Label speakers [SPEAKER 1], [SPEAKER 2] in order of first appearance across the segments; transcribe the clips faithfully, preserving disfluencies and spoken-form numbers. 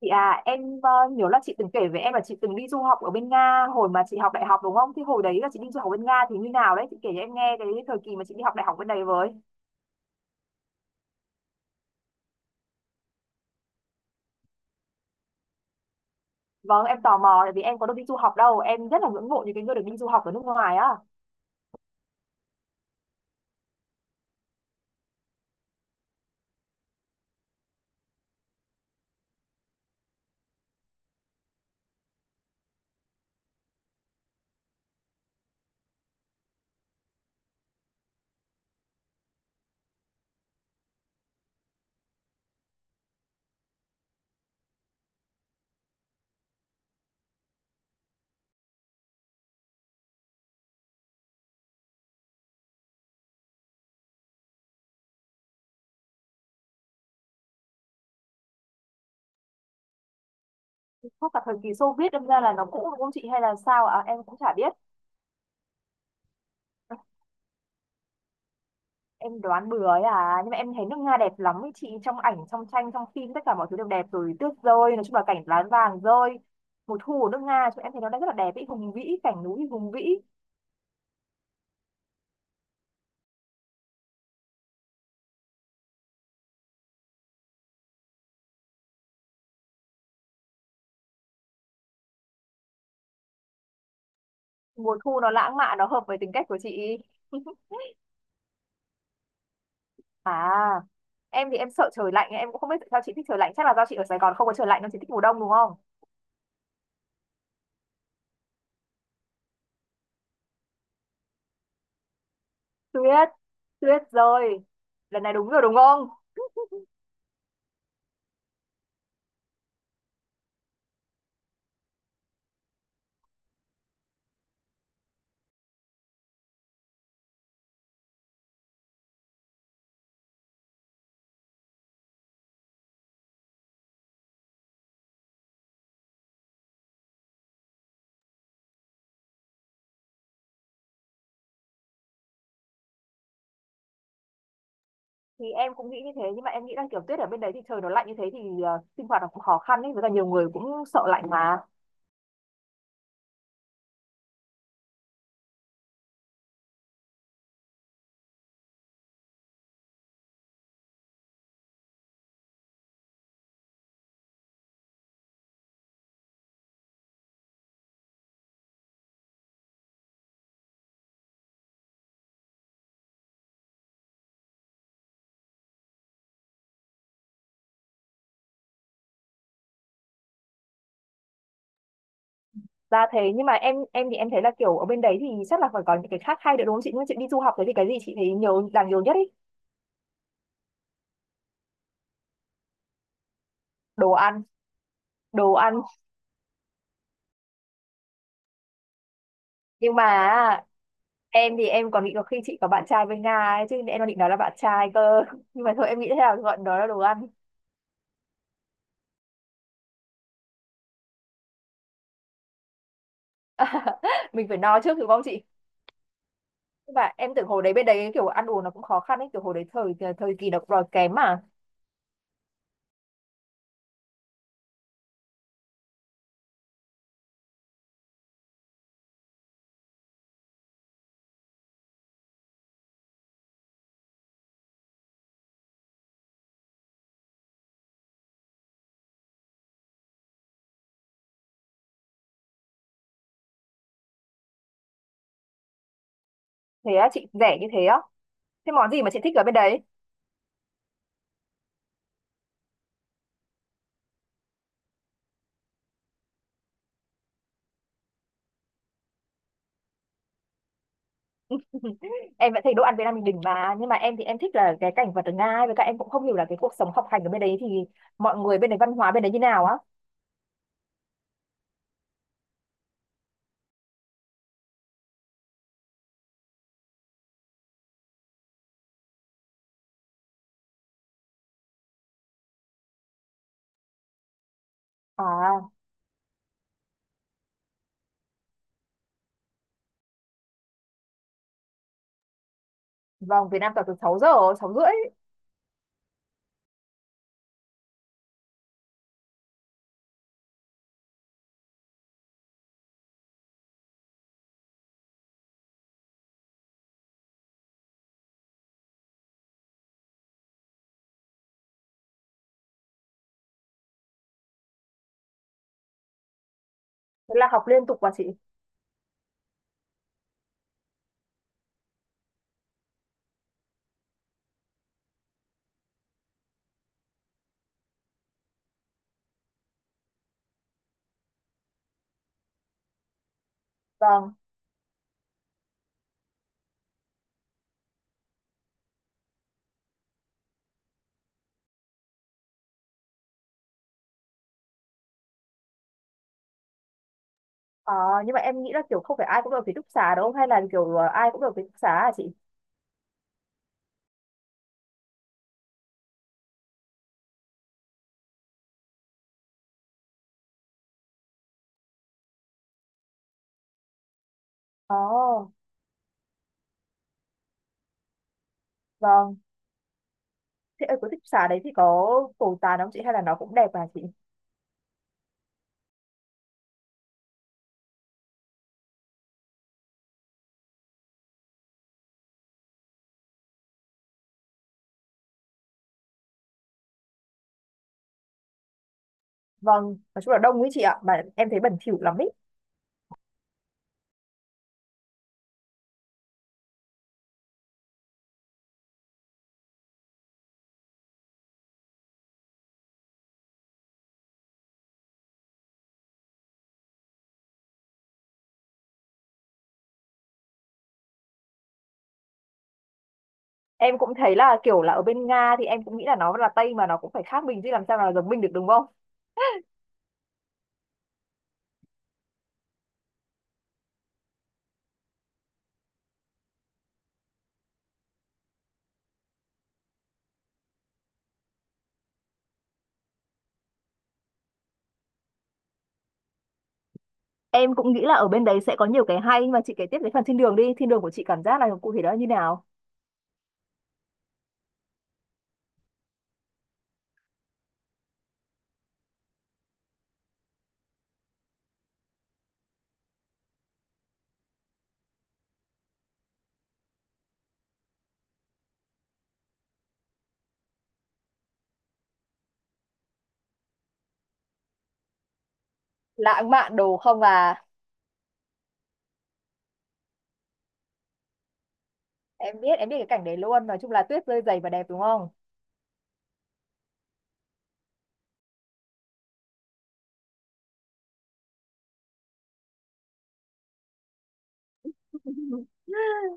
[SPEAKER 1] Chị à, em ờ, nhớ là chị từng kể với em là chị từng đi du học ở bên Nga hồi mà chị học đại học đúng không? Thì hồi đấy là chị đi du học bên Nga thì như nào đấy? Chị kể cho em nghe cái thời kỳ mà chị đi học đại học bên đấy với. Vâng, em tò mò tại vì em có được đi du học đâu. Em rất là ngưỡng mộ những cái người được đi du học ở nước ngoài á. Chắc là thời kỳ Xô Viết đâm ra là nó cũ đúng không chị hay là sao ạ? Em cũng chả biết. Em đoán bừa ấy à. Nhưng mà em thấy nước Nga đẹp lắm ấy chị. Trong ảnh, trong tranh, trong phim tất cả mọi thứ đều đẹp rồi. Tuyết rơi, nói chung là cảnh lá vàng rơi. Mùa thu ở nước Nga, chúng em thấy nó đang rất là đẹp ý, hùng vĩ, cảnh núi hùng vĩ. Mùa thu nó lãng mạn, nó hợp với tính cách của chị. À, em thì em sợ trời lạnh, em cũng không biết tại sao chị thích trời lạnh, chắc là do chị ở Sài Gòn không có trời lạnh nên chị thích mùa đông đúng không? Tuyết. Tuyết rồi. Lần này đúng rồi đúng không? Thì em cũng nghĩ như thế, nhưng mà em nghĩ là kiểu tuyết ở bên đấy thì trời nó lạnh như thế thì ờ, sinh hoạt nó cũng khó khăn ấy, với cả nhiều người cũng sợ lạnh mà. Ra thế, nhưng mà em em thì em thấy là kiểu ở bên đấy thì chắc là phải có những cái khác hay nữa đúng không chị? Nhưng mà chị đi du học thế thì cái gì chị thấy nhiều, đáng nhiều nhất ấy? Đồ ăn. Đồ ăn. Nhưng mà em thì em còn nghĩ có khi chị có bạn trai bên Nga ấy, chứ em đang định nói là bạn trai cơ. Nhưng mà thôi, em nghĩ thế nào gọi đó là đồ ăn. Mình phải no trước đúng không chị? Và em tưởng hồi đấy bên đấy kiểu ăn uống nó cũng khó khăn ấy, kiểu hồi đấy thời thời kỳ nó cũng đói kém mà. Thế á chị, rẻ như thế á? Thế món gì mà chị thích ở bên đấy? Em vẫn thấy đồ ăn Việt Nam mình đỉnh mà, nhưng mà em thì em thích là cái cảnh vật ở Nga ấy, với cả em cũng không hiểu là cái cuộc sống học hành ở bên đấy thì mọi người bên đấy, văn hóa bên đấy như nào á. À, vâng, Việt Nam toàn từ sáu giờ, sáu rưỡi. Thế là học liên tục mà chị. Vâng. Ờ, nhưng mà em nghĩ là kiểu không phải ai cũng được ký túc xá đúng không? Hay là kiểu ờ, ai cũng được ký túc xá hả chị? Ồ, vâng. Thế ở cái ký túc xá đấy thì có cầu tàn không chị? Hay là nó cũng đẹp hả chị? Vâng, nói chung là đông ấy chị ạ. Mà em thấy bẩn thỉu lắm ý. Em cũng thấy là kiểu là ở bên Nga thì em cũng nghĩ là nó là Tây mà nó cũng phải khác mình chứ làm sao là giống mình được đúng không? Em cũng nghĩ là ở bên đấy sẽ có nhiều cái hay, nhưng mà chị kể tiếp cái phần thiên đường đi. Thiên đường của chị cảm giác là cụ thể đó là như nào? Lãng mạn đồ không à? Em biết, em biết cái cảnh đấy luôn. Nói chung là tuyết rơi dày và đẹp đúng không?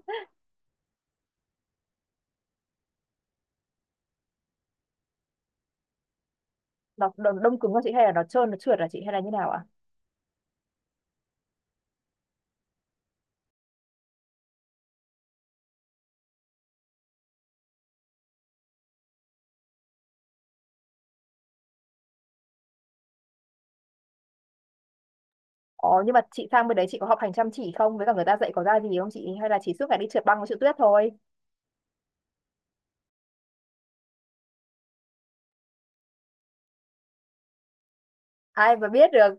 [SPEAKER 1] nó, nó đông cứng không chị hay là nó trơn nó trượt là chị hay là như nào ạ? Ồ, nhưng mà chị sang bên đấy chị có học hành chăm chỉ không, với cả người ta dạy có ra gì không chị, hay là chỉ suốt ngày đi trượt băng với trượt tuyết thôi? Ai mà biết được.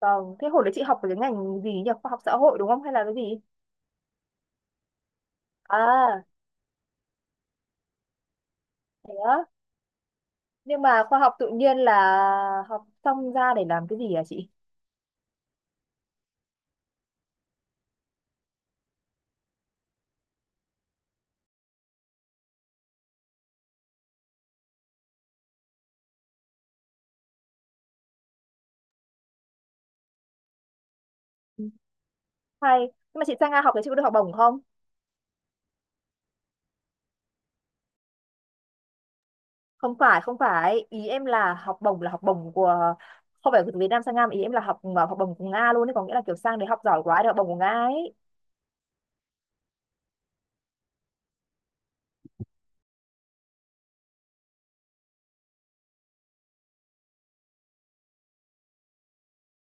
[SPEAKER 1] Vâng, thế hồi đấy chị học về cái ngành gì nhỉ, khoa học xã hội đúng không hay là cái gì? À, thế á? Nhưng mà khoa học tự nhiên là học xong ra để làm cái gì à chị? Ừ, hay. Nhưng mà chị sang Nga học thì chị có được học bổng không? Không phải, không phải, ý em là học bổng là học bổng của, không phải từ Việt Nam sang Nga, mà ý em là học học bổng của Nga luôn đấy, có nghĩa là kiểu sang để học giỏi quá để học bổng của Nga ấy.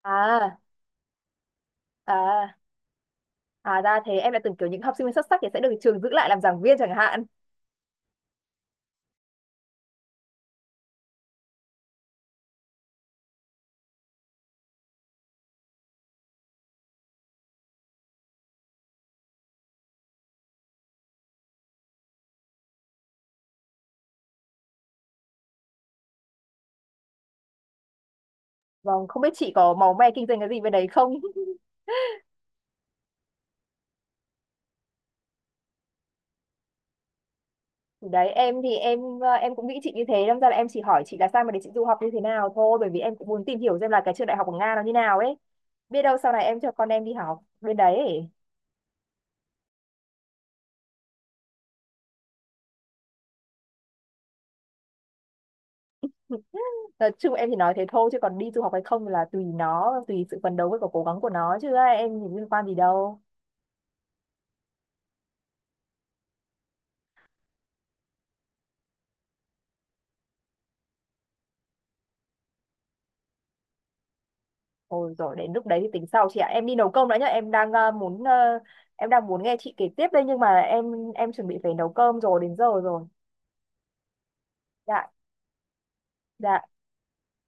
[SPEAKER 1] À, à, à ra thế, em đã tưởng kiểu những học sinh xuất sắc thì sẽ được trường giữ lại làm giảng viên chẳng hạn. Vâng, không biết chị có máu me kinh doanh cái gì bên đấy không? Thì đấy, em thì em ờ, em cũng nghĩ chị như thế, đâm ra là em chỉ hỏi chị là sao mà để chị du học như thế nào thôi, bởi vì em cũng muốn tìm hiểu xem là cái trường đại học của Nga nó như nào ấy. Biết đâu sau này em cho con em đi học bên đấy ấy. Nói chung em chỉ nói thế thôi, chứ còn đi du học hay không là tùy nó, tùy sự phấn đấu với cả cố gắng của nó, chứ ai, em thì liên quan gì đâu. Ôi rồi đến lúc đấy thì tính sau chị ạ. Em đi nấu cơm đã nhá. Em đang ờ, muốn ờ, em đang muốn nghe chị kể tiếp đây, nhưng mà em em chuẩn bị phải nấu cơm rồi, đến giờ rồi. Dạ. Dạ.